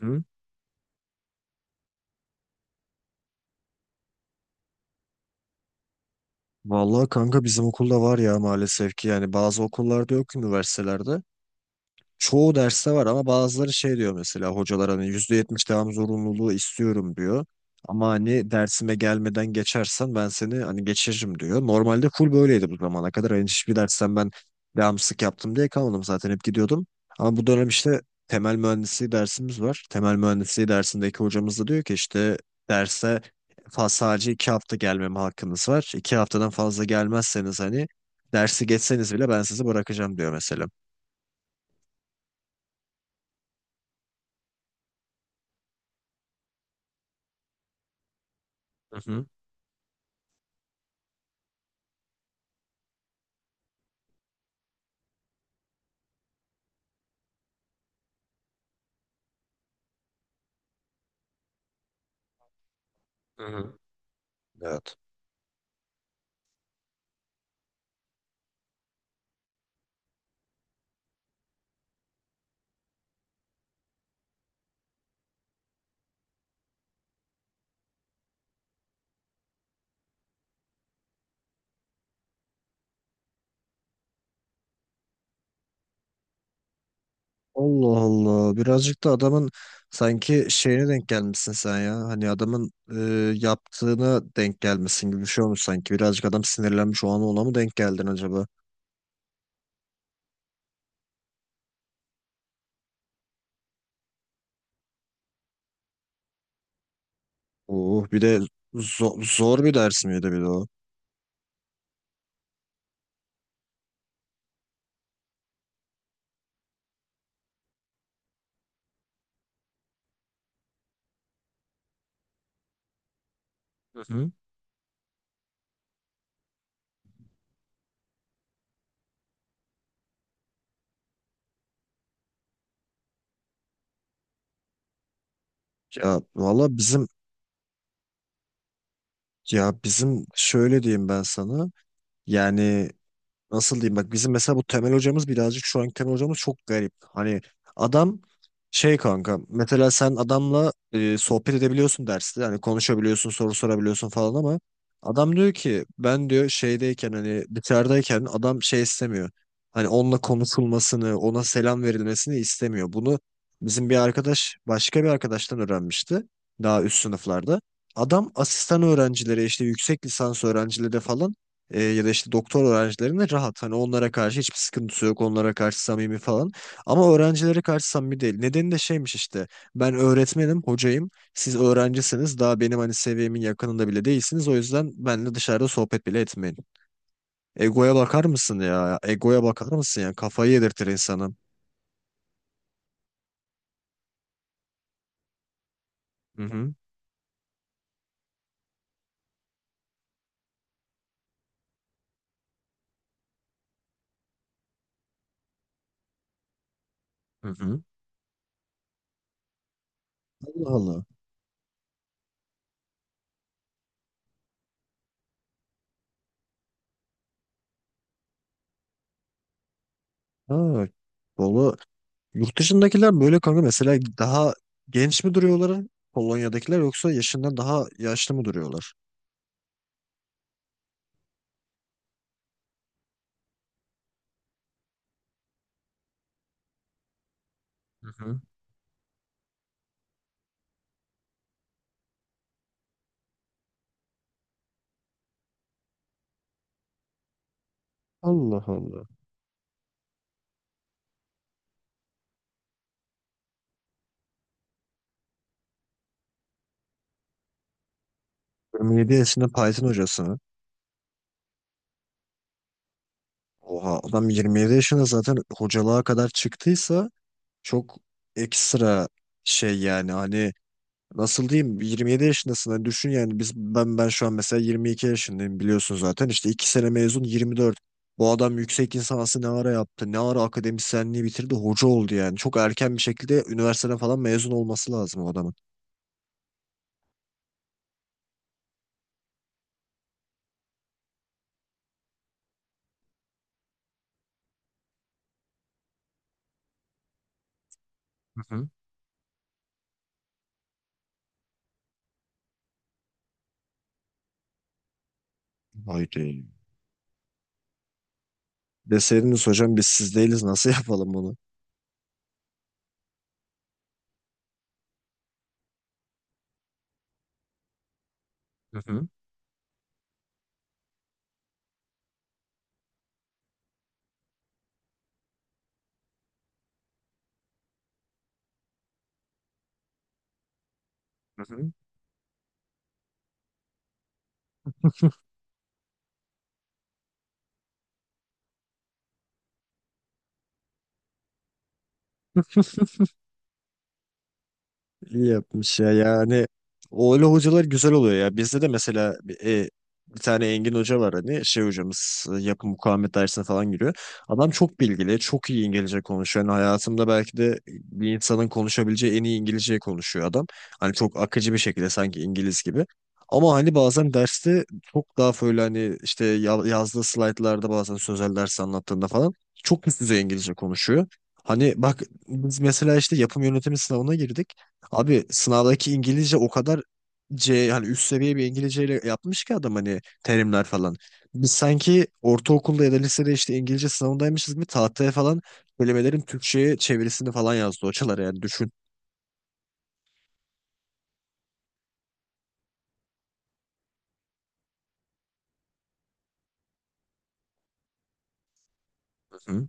Hı. Vallahi kanka bizim okulda var ya, maalesef ki. Yani bazı okullarda yok, üniversitelerde. Çoğu derste var ama bazıları şey diyor, mesela hocalar hani %70 devam zorunluluğu istiyorum diyor. Ama hani dersime gelmeden geçersen ben seni hani geçiririm diyor. Normalde full böyleydi bu zamana kadar. Hani hiçbir dersten ben devamsızlık yaptım diye kalmadım, zaten hep gidiyordum. Ama bu dönem işte temel mühendisliği dersimiz var. Temel mühendisliği dersindeki hocamız da diyor ki işte derse sadece iki hafta gelmeme hakkınız var. İki haftadan fazla gelmezseniz hani dersi geçseniz bile ben sizi bırakacağım diyor mesela. Hı hı. Hı hı. Evet. Allah Allah. Birazcık da adamın sanki şeyine denk gelmişsin sen ya. Hani adamın yaptığına denk gelmesin gibi bir şey olmuş sanki. Birazcık adam sinirlenmiş o an, ona mı denk geldin acaba? Oh, bir de zor bir ders miydi bir de o? Hı hı. Ya valla bizim, ya bizim şöyle diyeyim ben sana. Yani nasıl diyeyim, bak bizim mesela bu temel hocamız birazcık, şu anki temel hocamız çok garip. Hani adam şey kanka, mesela sen adamla sohbet edebiliyorsun derste, hani konuşabiliyorsun, soru sorabiliyorsun falan, ama adam diyor ki ben diyor şeydeyken, hani dışarıdayken adam şey istemiyor. Hani onunla konuşulmasını, ona selam verilmesini istemiyor. Bunu bizim bir arkadaş başka bir arkadaştan öğrenmişti, daha üst sınıflarda. Adam asistan öğrencilere, işte yüksek lisans öğrencilere falan, ya da işte doktor öğrencilerine rahat. Hani onlara karşı hiçbir sıkıntısı yok. Onlara karşı samimi falan. Ama öğrencilere karşı samimi değil. Nedeni de şeymiş işte. Ben öğretmenim, hocayım. Siz öğrencisiniz. Daha benim hani seviyemin yakınında bile değilsiniz. O yüzden benimle dışarıda sohbet bile etmeyin. Egoya bakar mısın ya? Egoya bakar mısın ya? Kafayı yedirtir insanın. Hı hı. Hı hı. Allah Allah. Ha. Valla yurt dışındakiler böyle kanka, mesela daha genç mi duruyorlar Polonya'dakiler, yoksa yaşından daha yaşlı mı duruyorlar? Hı hı. Allah Allah. 27 yaşında Python hocası mı? Oha, adam 27 yaşında zaten hocalığa kadar çıktıysa çok ekstra şey, yani hani nasıl diyeyim, 27 yaşındasın hani, düşün yani biz, ben şu an mesela 22 yaşındayım, biliyorsun zaten, işte 2 sene mezun, 24. Bu adam yüksek lisansı ne ara yaptı, ne ara akademisyenliği bitirdi, hoca oldu? Yani çok erken bir şekilde üniversiteden falan mezun olması lazım o adamın. Hı hı. Haydi. Deseydiniz hocam biz siz değiliz, nasıl yapalım bunu? Hı hı. Hı hı. İyi yapmış ya yani, o öyle hocalar güzel oluyor ya. Bizde de mesela bir tane Engin Hoca var, hani şey hocamız, yapı mukavemet dersine falan giriyor, adam çok bilgili, çok iyi İngilizce konuşuyor. Yani hayatımda belki de bir insanın konuşabileceği en iyi İngilizceyi konuşuyor adam, hani çok akıcı bir şekilde sanki İngiliz gibi. Ama hani bazen derste çok daha böyle hani işte yazdığı slaytlarda, bazen sözel ders anlattığında falan çok üst düzey İngilizce konuşuyor. Hani bak, biz mesela işte yapım yönetimi sınavına girdik. Abi sınavdaki İngilizce o kadar C, hani üst seviye bir İngilizceyle yapmış ki adam, hani terimler falan. Biz sanki ortaokulda ya da lisede işte İngilizce sınavındaymışız gibi tahtaya falan kelimelerin Türkçe'ye çevirisini falan yazdı hocalar, yani düşün. Hı.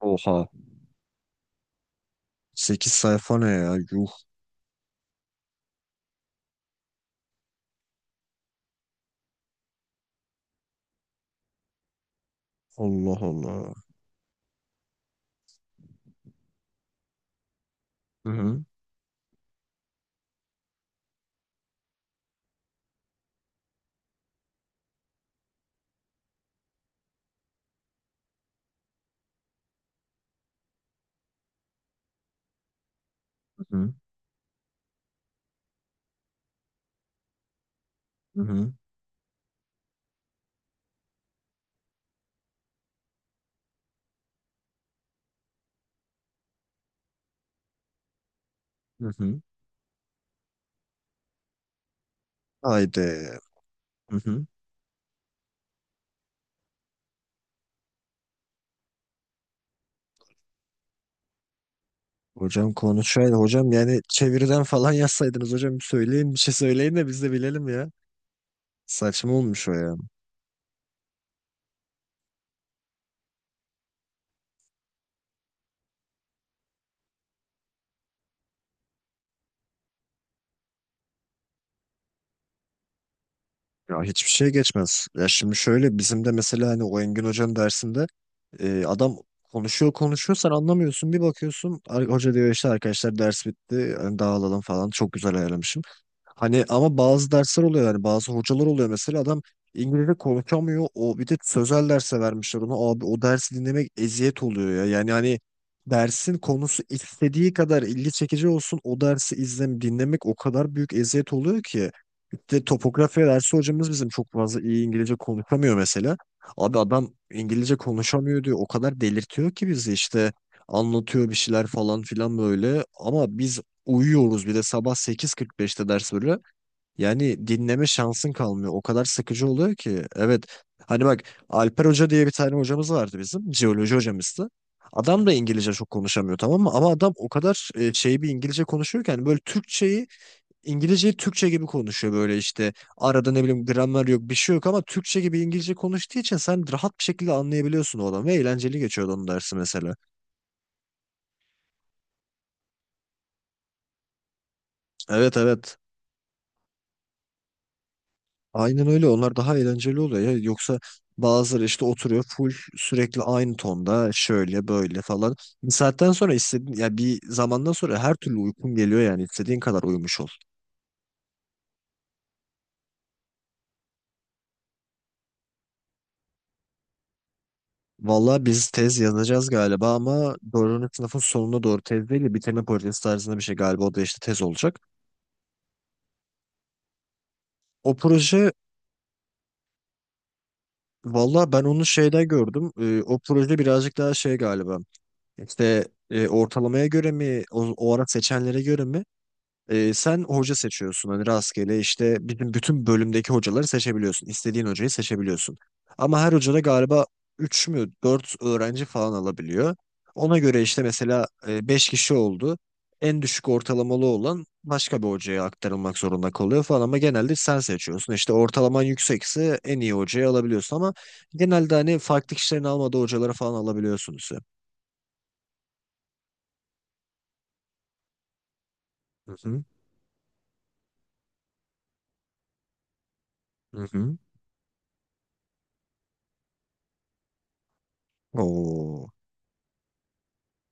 Oha. Sekiz sayfa ne ya? Yuh. Allah Allah. Hı hı. Hı hı. Hı hı. Hı. Haydi. Hı hı. Hocam konuşaydı. Hocam yani çeviriden falan yazsaydınız, hocam söyleyin bir şey, söyleyin de biz de bilelim ya. Saçma olmuş o ya. Ya hiçbir şey geçmez. Ya şimdi şöyle, bizim de mesela hani o Engin Hoca'nın dersinde adam konuşuyor konuşuyor, sen anlamıyorsun. Bir bakıyorsun hoca diyor işte arkadaşlar ders bitti hani dağılalım falan, çok güzel ayarlamışım. Hani ama bazı dersler oluyor, yani bazı hocalar oluyor mesela, adam İngilizce konuşamıyor. O bir de sözel derse vermişler ona. Abi o dersi dinlemek eziyet oluyor ya. Yani hani dersin konusu istediği kadar ilgi çekici olsun, o dersi izlem dinlemek o kadar büyük eziyet oluyor ki, de topografya dersi hocamız bizim çok fazla iyi İngilizce konuşamıyor mesela. Abi adam İngilizce konuşamıyor diyor. O kadar delirtiyor ki bizi, işte anlatıyor bir şeyler falan filan böyle. Ama biz uyuyoruz, bir de sabah 8.45'te ders böyle. Yani dinleme şansın kalmıyor. O kadar sıkıcı oluyor ki. Evet. Hani bak, Alper Hoca diye bir tane hocamız vardı bizim. Jeoloji hocamızdı. Adam da İngilizce çok konuşamıyor, tamam mı? Ama adam o kadar şey bir İngilizce konuşuyor ki, hani böyle Türkçeyi, İngilizceyi Türkçe gibi konuşuyor böyle işte. Arada ne bileyim gramer yok, bir şey yok, ama Türkçe gibi İngilizce konuştuğu için sen rahat bir şekilde anlayabiliyorsun o adamı ve eğlenceli geçiyor onun dersi mesela. Evet evet. Aynen öyle, onlar daha eğlenceli oluyor ya. Yoksa bazıları işte oturuyor full sürekli aynı tonda, şöyle böyle falan. Bir saatten sonra istediğin, ya bir zamandan sonra her türlü uykun geliyor, yani istediğin kadar uyumuş ol. Valla biz tez yazacağız galiba, ama dördüncü sınıfın sonuna doğru, tez değil de bitirme projesi tarzında bir şey galiba, o da işte tez olacak. O proje, valla ben onu şeyde gördüm. O proje birazcık daha şey galiba. İşte ortalamaya göre mi, o, o ara seçenlere göre mi. Sen hoca seçiyorsun hani, rastgele işte bizim bütün bölümdeki hocaları seçebiliyorsun. İstediğin hocayı seçebiliyorsun. Ama her hoca da galiba 3 mü 4 öğrenci falan alabiliyor. Ona göre işte, mesela 5 kişi oldu. En düşük ortalamalı olan başka bir hocaya aktarılmak zorunda kalıyor falan, ama genelde sen seçiyorsun. İşte ortalaman yüksekse en iyi hocayı alabiliyorsun, ama genelde hani farklı kişilerin almadığı hocaları falan alabiliyorsunuz. Hı hı. Hı hı. Oo.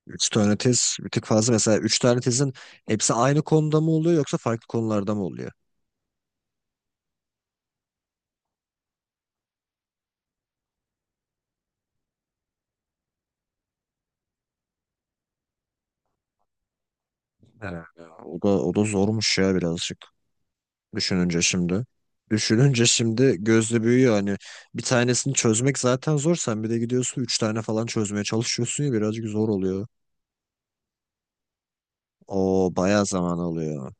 Üç tane tez bir tık fazla. Mesela üç tane tezin hepsi aynı konuda mı oluyor, yoksa farklı konularda mı oluyor? Evet. O da, o da zormuş ya birazcık. Düşününce şimdi. Düşününce şimdi gözle büyüyor. Hani bir tanesini çözmek zaten zor. Sen bir de gidiyorsun üç tane falan çözmeye çalışıyorsun ya, birazcık zor oluyor. O bayağı zaman alıyor.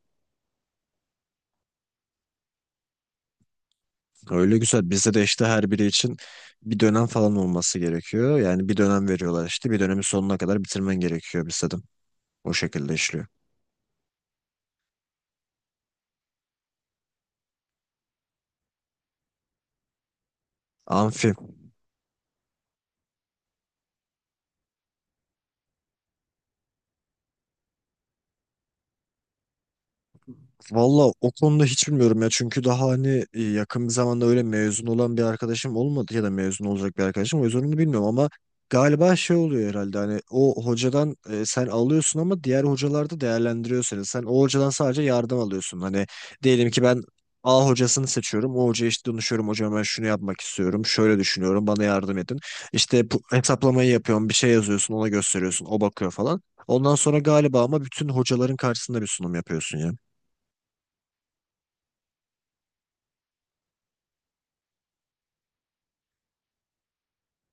Öyle güzel. Bizde de işte her biri için bir dönem falan olması gerekiyor. Yani bir dönem veriyorlar işte. Bir dönemin sonuna kadar bitirmen gerekiyor bizde de. O şekilde işliyor. Amfi. Valla o konuda hiç bilmiyorum ya, çünkü daha hani yakın bir zamanda öyle mezun olan bir arkadaşım olmadı ya da mezun olacak bir arkadaşım, o yüzden onu bilmiyorum. Ama galiba şey oluyor herhalde, hani o hocadan sen alıyorsun ama diğer hocalarda değerlendiriyor seni. Sen o hocadan sadece yardım alıyorsun, hani diyelim ki ben A hocasını seçiyorum, o hocaya işte danışıyorum, hocam ben şunu yapmak istiyorum, şöyle düşünüyorum, bana yardım edin, işte hesaplamayı yapıyorum, bir şey yazıyorsun, ona gösteriyorsun, o bakıyor falan. Ondan sonra galiba ama bütün hocaların karşısında bir sunum yapıyorsun ya.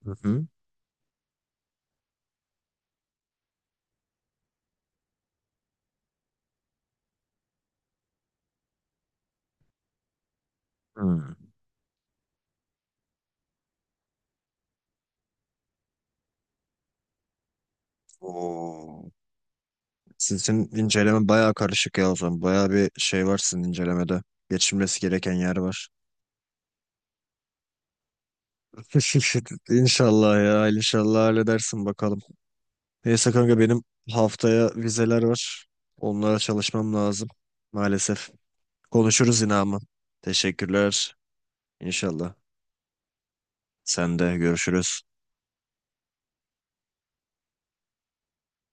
Hı hı. Hmm. Oo. Sizin inceleme bayağı karışık ya o zaman. Bayağı bir şey var sizin incelemede. Geçilmesi gereken yer var. İnşallah ya. İnşallah halledersin bakalım. Neyse kanka, benim haftaya vizeler var. Onlara çalışmam lazım. Maalesef. Konuşuruz yine ama. Teşekkürler. İnşallah. Sen de görüşürüz.